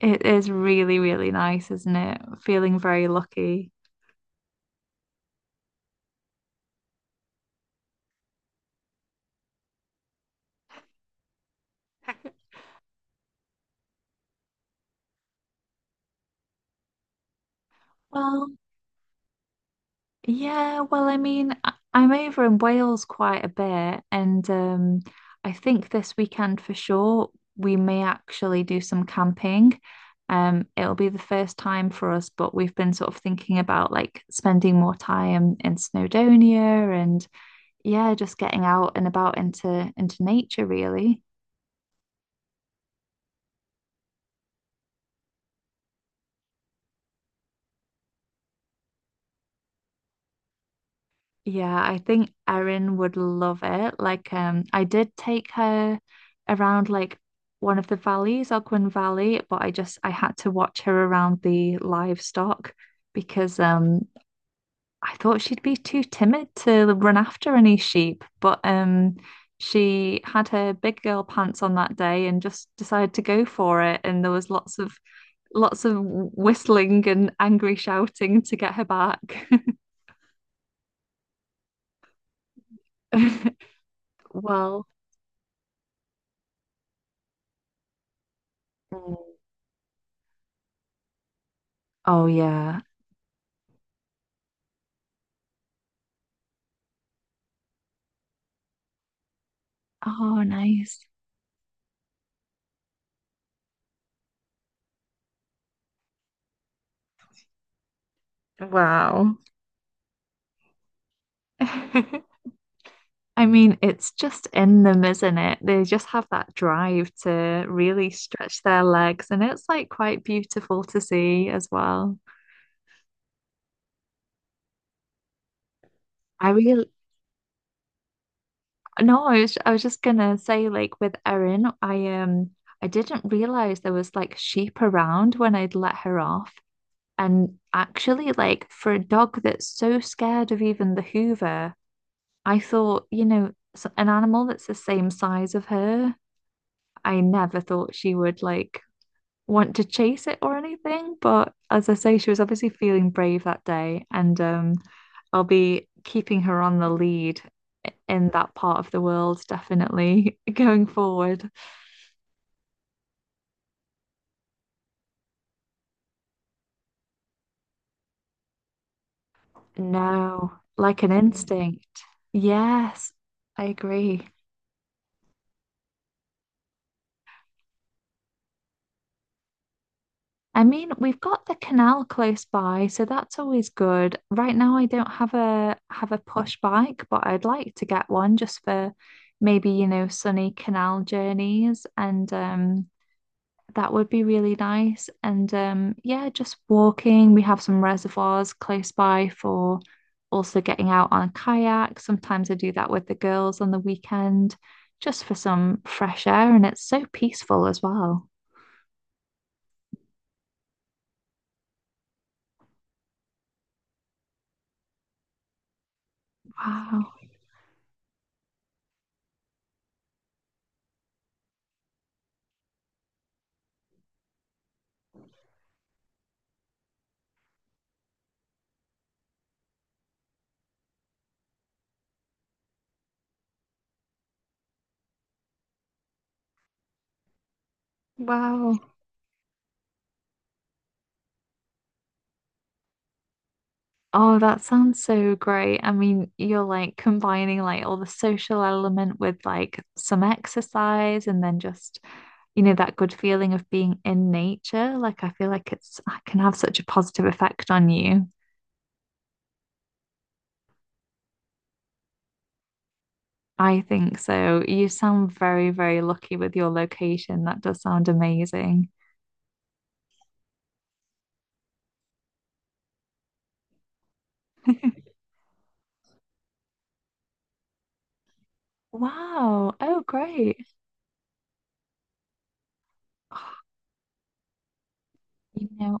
It is really, really nice, isn't it? Feeling very lucky. Well, yeah, well, I mean, I'm over in Wales quite a bit, and I think this weekend for sure we may actually do some camping. It'll be the first time for us, but we've been sort of thinking about like spending more time in Snowdonia and yeah, just getting out and about into nature, really. Yeah, I think Erin would love it. Like, I did take her around like one of the valleys, Ogwen Valley, but I had to watch her around the livestock because I thought she'd be too timid to run after any sheep. But she had her big girl pants on that day and just decided to go for it. And there was lots of whistling and angry shouting to get her back. Well, oh, yeah. Oh, nice. Wow. I mean, it's just in them, isn't it? They just have that drive to really stretch their legs, and it's like quite beautiful to see as well. I really, no, I was just gonna say, like with Erin, I didn't realize there was like sheep around when I'd let her off. And actually, like for a dog that's so scared of even the Hoover. I thought, you know, an animal that's the same size of her, I never thought she would like want to chase it or anything. But as I say, she was obviously feeling brave that day, and I'll be keeping her on the lead in that part of the world, definitely going forward. No, like an instinct. Yes, I agree. I mean, we've got the canal close by, so that's always good. Right now, I don't have a push bike, but I'd like to get one just for maybe, you know, sunny canal journeys, and that would be really nice. And yeah, just walking. We have some reservoirs close by for also getting out on a kayak. Sometimes I do that with the girls on the weekend, just for some fresh air, and it's so peaceful as well. Wow, wow. Oh, that sounds so great. I mean, you're like combining like all the social element with like some exercise and then just, you know, that good feeling of being in nature. Like, I feel like it's I can have such a positive effect on you. I think so. You sound very, very lucky with your location. That does sound amazing. Wow. Oh, great. Oh, you know,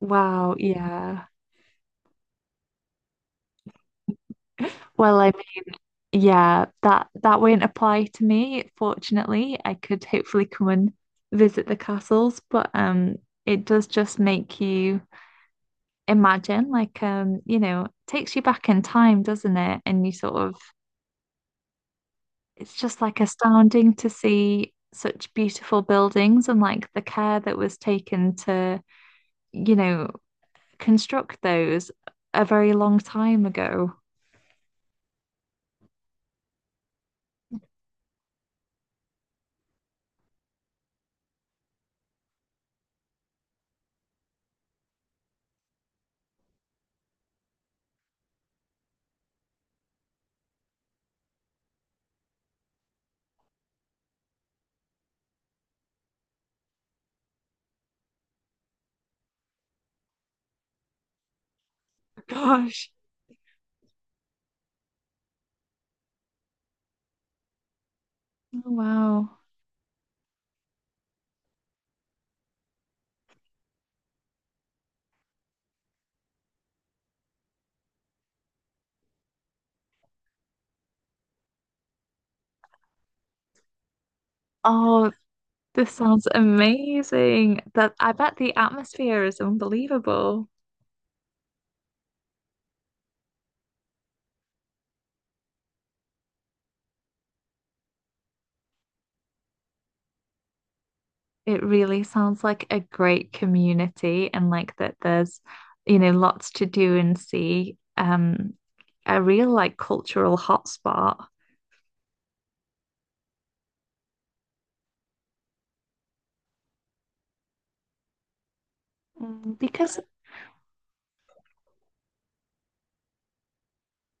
wow. Yeah. Well, I. Yeah, that won't apply to me. Fortunately, I could hopefully come and visit the castles, but it does just make you imagine like you know, takes you back in time, doesn't it? And you sort of it's just like astounding to see such beautiful buildings and like the care that was taken to, you know, construct those a very long time ago. Gosh. Oh, wow. Oh, this sounds amazing. That I bet the atmosphere is unbelievable. It really sounds like a great community and like that there's, lots to do and see. A real like cultural hotspot. Mm. Because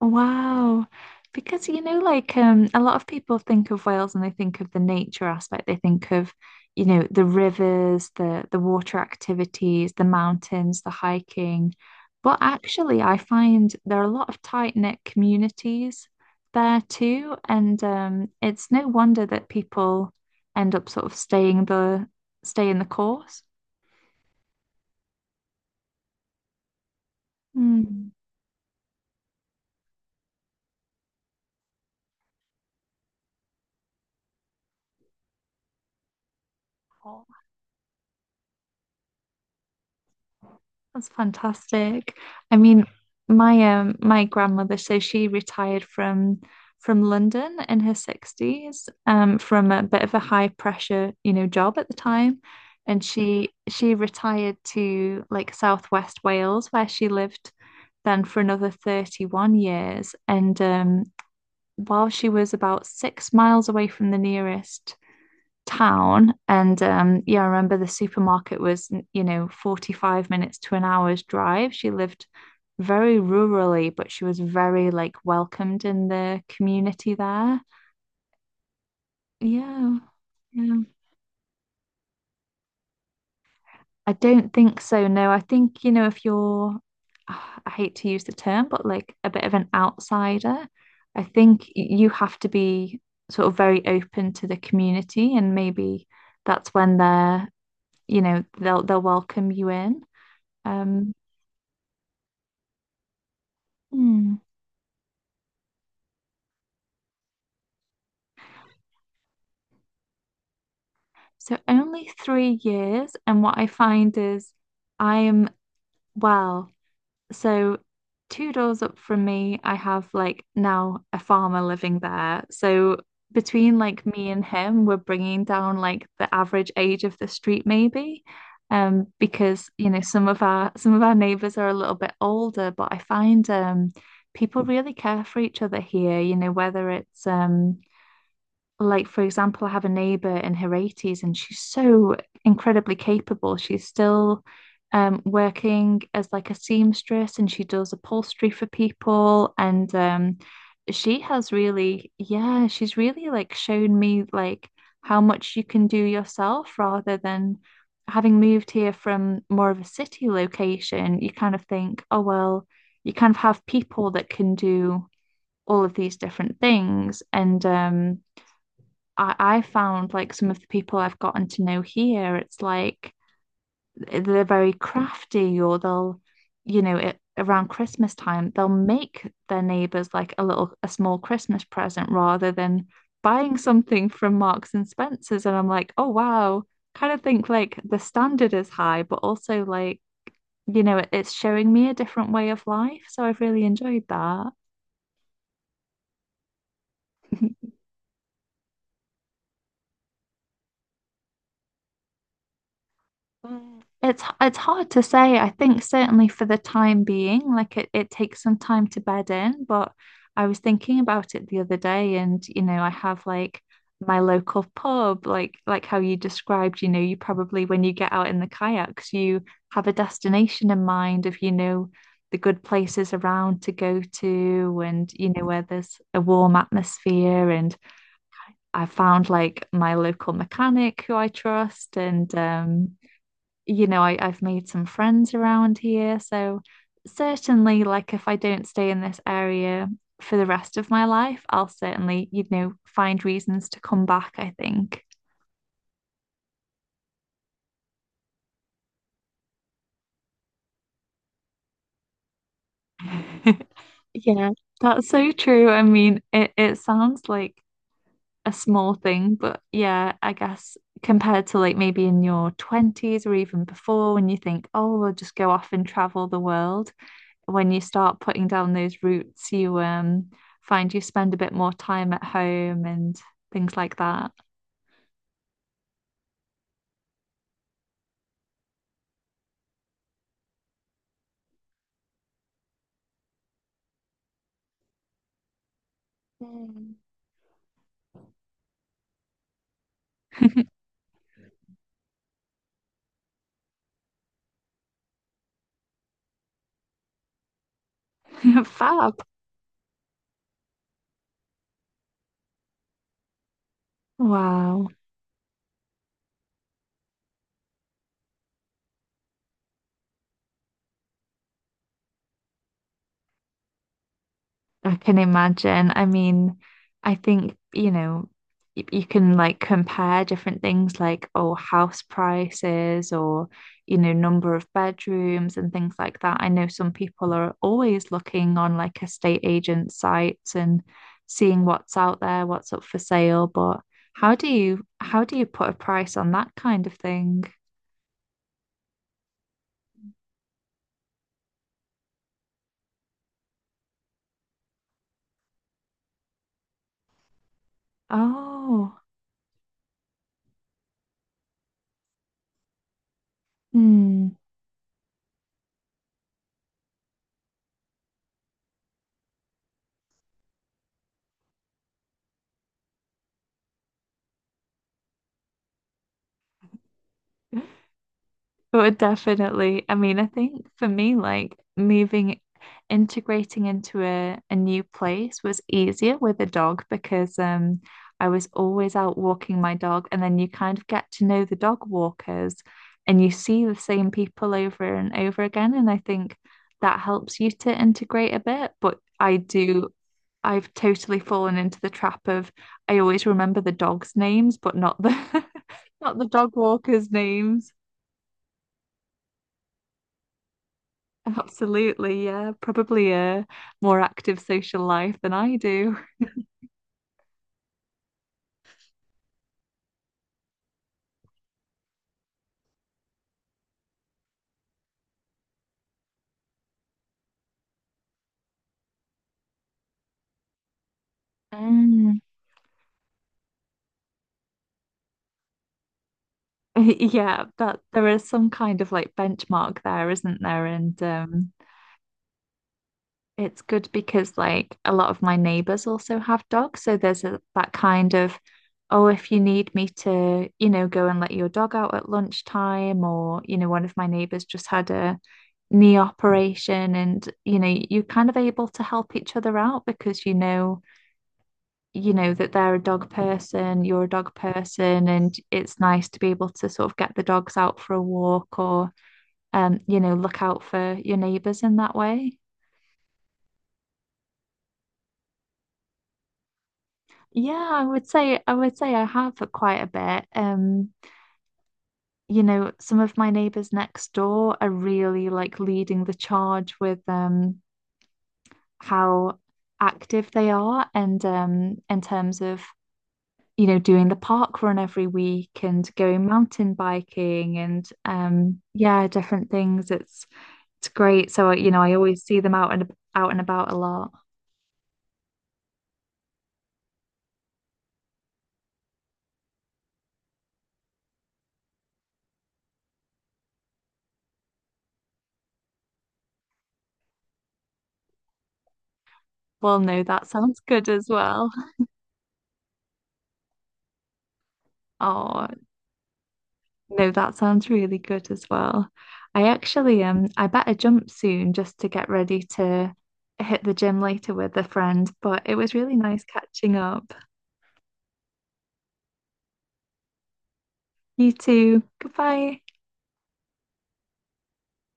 Wow. Because you know, like a lot of people think of Wales and they think of the nature aspect. They think of, you know, the rivers, the water activities, the mountains, the hiking. But actually I find there are a lot of tight-knit communities there too. And it's no wonder that people end up sort of stay in the course. Hmm. That's fantastic. I mean, my my grandmother, so she retired from London in her 60s, from a bit of a high pressure, you know, job at the time. And she retired to like Southwest Wales, where she lived then for another 31 years. And while she was about 6 miles away from the nearest town. And yeah, I remember the supermarket was, you know, 45 minutes to an hour's drive. She lived very rurally, but she was very like welcomed in the community there. Yeah. Yeah. I don't think so. No, I think, you know, if you're ah, I hate to use the term, but like a bit of an outsider, I think you have to be sort of very open to the community and maybe that's when they're, you know, they'll welcome you in. Um, hmm. So only 3 years, and what I find is I'm well, so two doors up from me, I have like now a farmer living there. So between like me and him, we're bringing down like the average age of the street maybe. Because you know some of our neighbors are a little bit older, but I find people really care for each other here, you know, whether it's like, for example, I have a neighbor in her 80s and she's so incredibly capable. She's still working as like a seamstress and she does upholstery for people. And she has really, yeah, she's really like shown me like how much you can do yourself rather than having moved here from more of a city location. You kind of think, oh, well, you kind of have people that can do all of these different things. And, I found like some of the people I've gotten to know here, it's like they're very crafty or they'll, you know, around Christmas time, they'll make their neighbors like a small Christmas present rather than buying something from Marks and Spencer's. And I'm like, oh, wow. Kind of think like the standard is high, but also like, you know, it's showing me a different way of life. So I've really enjoyed that. Mm. It's hard to say. I think certainly for the time being, like it takes some time to bed in, but I was thinking about it the other day and you know, I have like my local pub, like how you described, you know, you probably when you get out in the kayaks, you have a destination in mind of, you know, the good places around to go to and you know where there's a warm atmosphere. And I found like my local mechanic who I trust, and you know, I've made some friends around here. So certainly, like if I don't stay in this area for the rest of my life, I'll certainly, you know, find reasons to come back, I think. Yeah, that's so true. I mean, it sounds like a small thing, but yeah, I guess compared to like maybe in your 20s or even before when you think, oh, we'll just go off and travel the world, when you start putting down those roots, you find you spend a bit more time at home and things like that. Mm. Fab. Wow. I can imagine. I mean, I think, you know, you can like compare different things like, oh, house prices or, you know, number of bedrooms and things like that. I know some people are always looking on like estate agent sites and seeing what's out there, what's up for sale, but how do you put a price on that kind of thing? Oh, hmm. But definitely, I mean, I think for me, like moving, integrating into a new place was easier with a dog because I was always out walking my dog, and then you kind of get to know the dog walkers and you see the same people over and over again. And I think that helps you to integrate a bit. But I do, I've totally fallen into the trap of I always remember the dogs' names, but not the not the dog walkers' names. Absolutely, yeah. Probably a more active social life than I do. Mm. Yeah, that there is some kind of like benchmark there, isn't there? And it's good because like a lot of my neighbors also have dogs, so there's that kind of, oh, if you need me to, you know, go and let your dog out at lunchtime, or you know, one of my neighbors just had a knee operation, and you know, you're kind of able to help each other out because you know that they're a dog person, you're a dog person, and it's nice to be able to sort of get the dogs out for a walk or, you know, look out for your neighbors in that way. Yeah, I would say I have quite a bit. You know, some of my neighbors next door are really like leading the charge with how active they are and in terms of, you know, doing the park run every week and going mountain biking and yeah, different things. It's great. So, you know, I always see them out and about a lot. Well, no, that sounds good as well. Oh, no, that sounds really good as well. I actually I better jump soon just to get ready to hit the gym later with a friend, but it was really nice catching up. You too. Goodbye.